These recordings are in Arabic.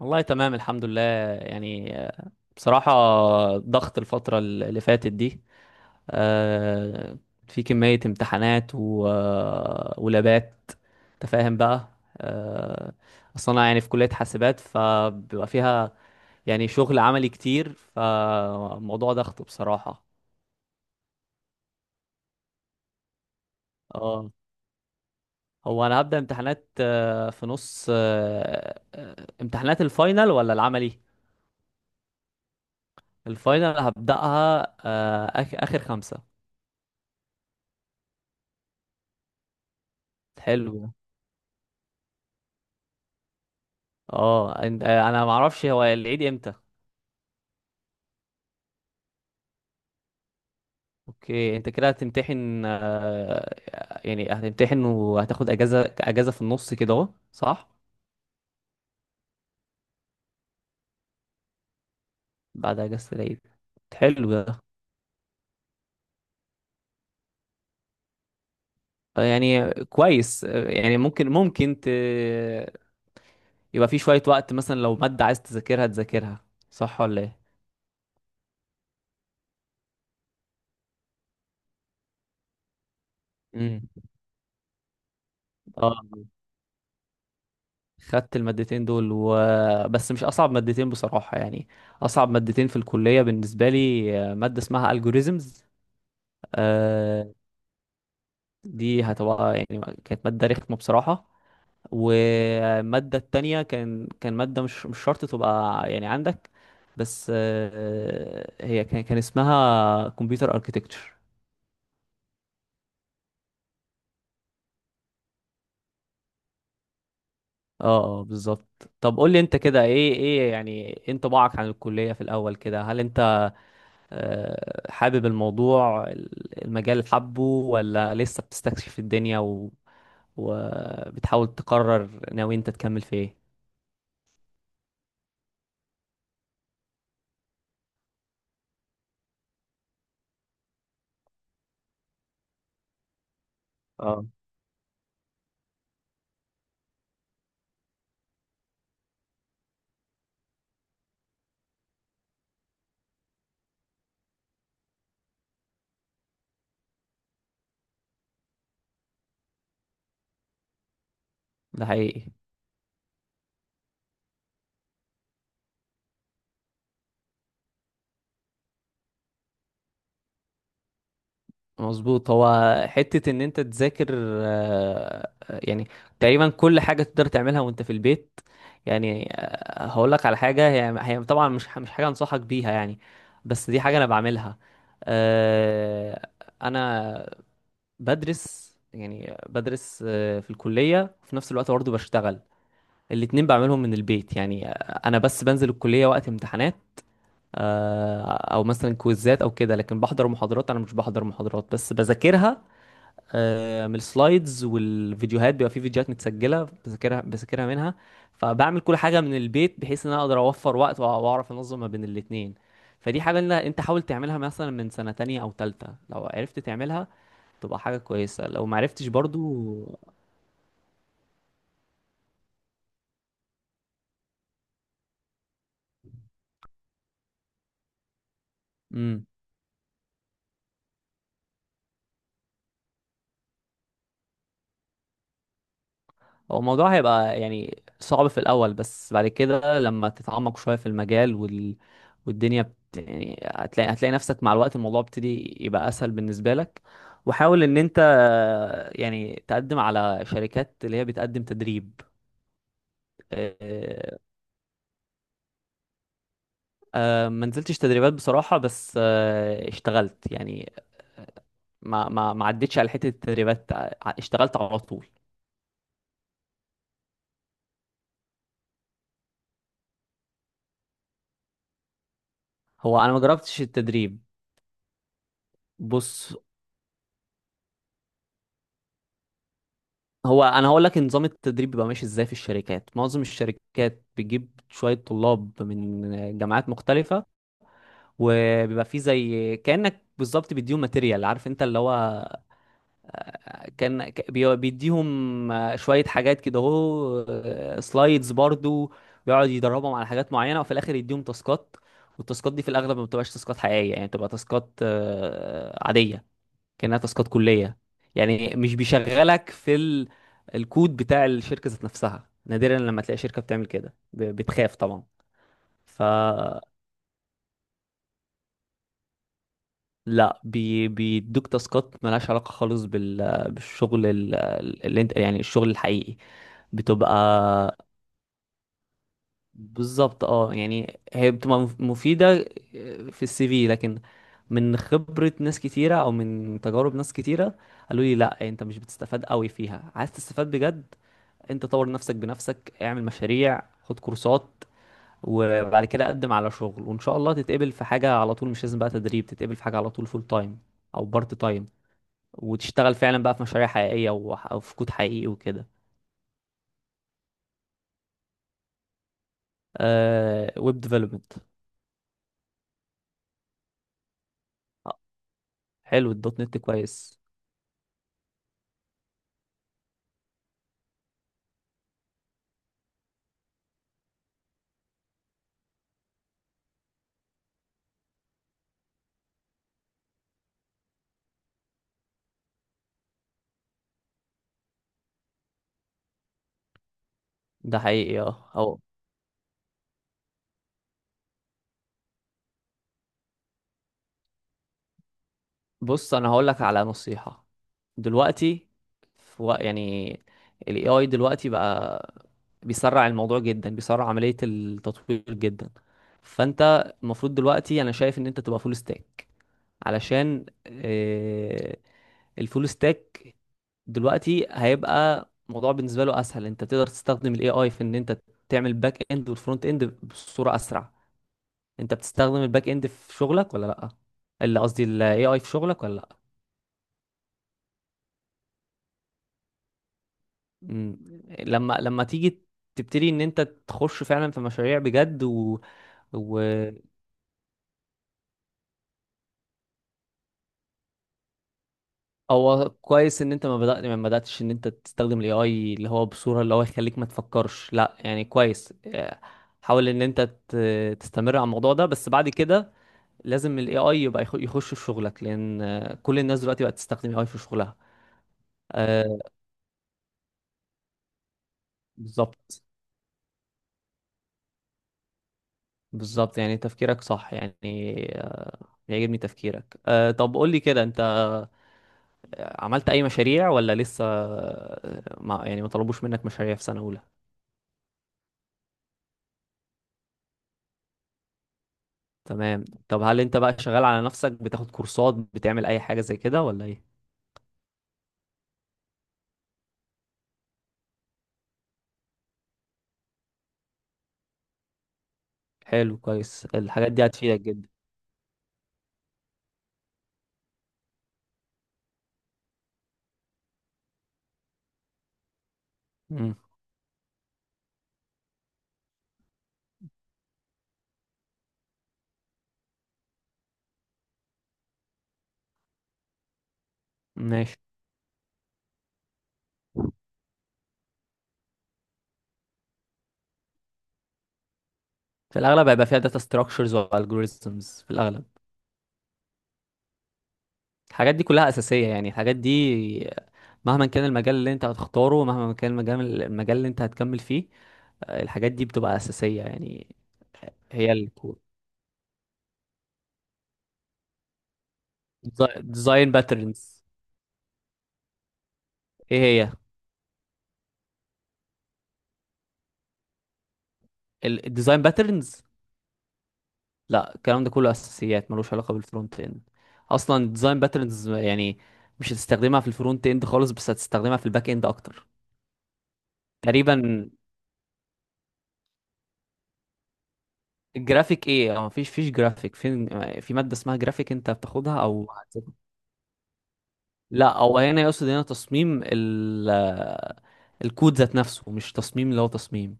والله تمام الحمد لله. يعني آه، بصراحة، ضغط الفترة اللي فاتت دي، آه، في كمية امتحانات و ولابات، تفاهم بقى. آه، أصلا أنا يعني في كلية حاسبات، فبيبقى فيها يعني شغل عملي كتير، فموضوع ضغط بصراحة. اه هو أنا هبدأ امتحانات في نص، امتحانات الفاينل ولا العملي؟ الفاينل هبدأها، آخر خمسة. حلو. انا ما اعرفش هو العيد امتى. اوكي، انت كده هتمتحن، يعني هتمتحن وهتاخد اجازه في النص كده اهو، صح. بعد اجازه العيد. حلو ده. يعني كويس، يعني ممكن يبقى في شويه وقت، مثلا لو ماده عايز تذاكرها تذاكرها، صح ولا ايه؟ امم اه خدت المادتين دول، بس مش اصعب مادتين بصراحة يعني. اصعب مادتين في الكلية بالنسبة لي مادة اسمها algorithms. آه، دي هتبقى يعني كانت مادة رخمة بصراحة. والمادة التانية كان مادة مش شرط تبقى يعني عندك، بس هي كان اسمها كمبيوتر اركيتكتشر. اه، اه، بالظبط. طب قول لي انت كده، ايه يعني، ايه انطباعك عن الكلية في الاول كده؟ هل انت حابب المجال، حبه، ولا لسه بتستكشف الدنيا وبتحاول تقرر ناوي انت تكمل في ايه؟ اه، ده حقيقي. مظبوط. هو حتة ان انت تذاكر، يعني تقريبا كل حاجة تقدر تعملها وانت في البيت. يعني هقول لك على حاجة، هي طبعا مش حاجة انصحك بيها يعني، بس دي حاجة انا بعملها. آه، انا بدرس، يعني بدرس في الكلية وفي نفس الوقت برضه بشتغل. الاتنين بعملهم من البيت يعني. انا بس بنزل الكلية وقت امتحانات، آه، او مثلا كويزات او كده، لكن بحضر محاضرات، انا مش بحضر محاضرات بس بذاكرها من السلايدز والفيديوهات، بيبقى في فيديوهات متسجله بذاكرها منها. فبعمل كل حاجه من البيت بحيث ان انا اقدر اوفر وقت واعرف انظم ما بين الاتنين. فدي حاجه إن انت حاول تعملها مثلا من سنه تانية او تالتة، لو عرفت تعملها تبقى حاجه كويسه، لو ما عرفتش برضو. امم هو الموضوع هيبقى يعني صعب في الأول، بس بعد كده لما تتعمق شوية في المجال والدنيا يعني هتلاقي نفسك مع الوقت الموضوع بيبتدي يبقى أسهل بالنسبة لك. وحاول إن أنت يعني تقدم على شركات اللي هي بتقدم تدريب. آه، ما نزلتش تدريبات بصراحة، بس اشتغلت يعني. ما عدتش على حتة التدريبات، اشتغلت على طول. هو أنا ما جربتش التدريب. بص، هو انا هقول لك نظام التدريب بيبقى ماشي ازاي. في الشركات، معظم الشركات بتجيب شويه طلاب من جامعات مختلفه، وبيبقى فيه زي كانك بالظبط، بيديهم ماتيريال، عارف انت اللي هو، بيديهم شويه حاجات كده اهو، سلايدز برضو. بيقعد يدربهم على حاجات معينه، وفي الاخر يديهم تاسكات. والتاسكات دي في الاغلب ما بتبقاش تاسكات حقيقيه يعني، بتبقى تاسكات عاديه، كأنها تاسكات كلية. يعني مش بيشغلك في الكود بتاع الشركة ذات نفسها، نادرا لما تلاقي شركة بتعمل كده، بتخاف طبعا. ف لا، بيدوك تاسكات ملهاش علاقة خالص بالشغل، اللي انت يعني الشغل الحقيقي. بتبقى بالظبط، اه يعني، هي بتبقى مفيدة في السي في، لكن من خبرة ناس كتيرة او من تجارب ناس كتيرة قالوا لي لا، انت مش بتستفاد قوي فيها. عايز تستفاد بجد، انت طور نفسك بنفسك، اعمل مشاريع، خد كورسات، وبعد كده قدم على شغل، وان شاء الله تتقبل في حاجة على طول. مش لازم بقى تدريب، تتقبل في حاجة على طول فول تايم او بارت تايم، وتشتغل فعلا بقى في مشاريع حقيقية او في كود حقيقي وكده. آه، ويب ديفلوبمنت. حلو، الدوت نت كويس. ده حقيقي. بص، انا هقول لك على نصيحة. دلوقتي في يعني، ال AI دلوقتي بقى بيسرع الموضوع جدا، بيسرع عملية التطوير جدا. فانت المفروض دلوقتي، انا شايف ان انت تبقى فول ستاك، علشان الفول ستاك دلوقتي هيبقى موضوع بالنسبة له اسهل، انت تقدر تستخدم ال AI في ان انت تعمل باك اند والفرونت اند بصورة اسرع. انت بتستخدم الباك اند في شغلك ولا لا؟ اللي قصدي ال AI في شغلك ولا لا؟ مم. لما تيجي تبتدي ان انت تخش فعلا في مشاريع بجد و... هو كويس ان انت ما بدأت، ما بدأتش ان انت تستخدم الاي اي، اللي هو بصورة اللي هو يخليك ما تفكرش، لا يعني كويس. حاول ان انت ت... تستمر على الموضوع ده، بس بعد كده لازم الاي اي يبقى يخش في شغلك، لان كل الناس دلوقتي بقت تستخدم اي اي في شغلها. آه، بالظبط، بالظبط، يعني تفكيرك صح يعني. آه، يعجبني تفكيرك. طب قول لي كده، انت عملت اي مشاريع ولا لسه، ما يعني ما طلبوش منك مشاريع في سنة اولى؟ تمام. طب هل انت بقى شغال على نفسك، بتاخد كورسات، بتعمل اي حاجة زي كده ولا ايه؟ حلو، كويس، الحاجات دي هتفيدك جدا. امم، ماشي. في الاغلب هيبقى فيها داتا ستراكشرز والجوريزمز في الاغلب. الحاجات دي كلها اساسية يعني، الحاجات دي مهما كان المجال اللي انت هتختاره، مهما كان المجال اللي انت هتكمل فيه، الحاجات دي بتبقى اساسية يعني. هي الكور. ديزاين باترنز، ايه هي؟ الديزاين باترنز، لا الكلام ده كله اساسيات، ملوش علاقه بالفرونت اند. اصلا الديزاين باترنز يعني مش هتستخدمها في الفرونت اند خالص، بس هتستخدمها في الباك اند اكتر. تقريبا. الجرافيك ايه؟ اه، مفيش جرافيك فين؟ في ماده اسمها جرافيك انت بتاخدها او لا، او هنا يقصد هنا تصميم الكود ذات نفسه، مش تصميم اللي هو تصميم.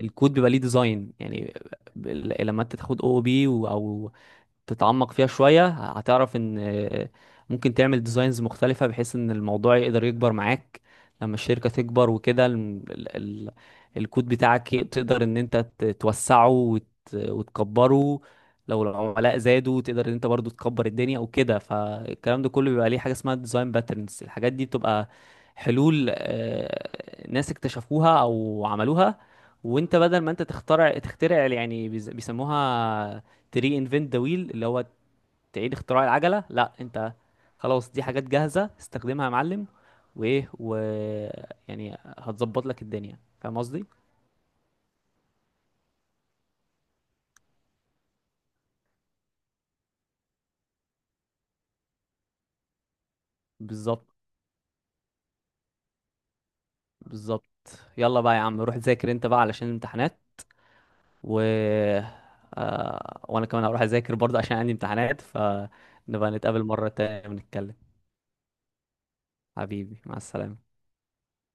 الكود بيبقى ليه ديزاين يعني. لما انت تاخد او بي او تتعمق فيها شوية، هتعرف ان ممكن تعمل ديزاينز مختلفة بحيث ان الموضوع يقدر يكبر معاك لما الشركة تكبر وكده. الكود بتاعك، تقدر ان انت توسعه وتكبره. لو العملاء زادوا تقدر ان انت برضو تكبر الدنيا وكده. فالكلام ده كله بيبقى ليه حاجة اسمها ديزاين باترنز. الحاجات دي بتبقى حلول، ناس اكتشفوها او عملوها، وانت بدل ما انت تخترع، تخترع يعني، بيسموها تري انفنت ذا ويل، اللي هو تعيد اختراع العجله. لا انت، خلاص، دي حاجات جاهزه، استخدمها يا معلم. وايه و يعني هتظبط لك الدنيا، فاهم قصدي. بالظبط، بالظبط. يلا بقى يا عم، روح ذاكر انت بقى علشان الامتحانات، و وانا كمان هروح اذاكر برضه عشان عندي امتحانات، فنبقى نتقابل مره تانية ونتكلم. حبيبي، مع السلامه.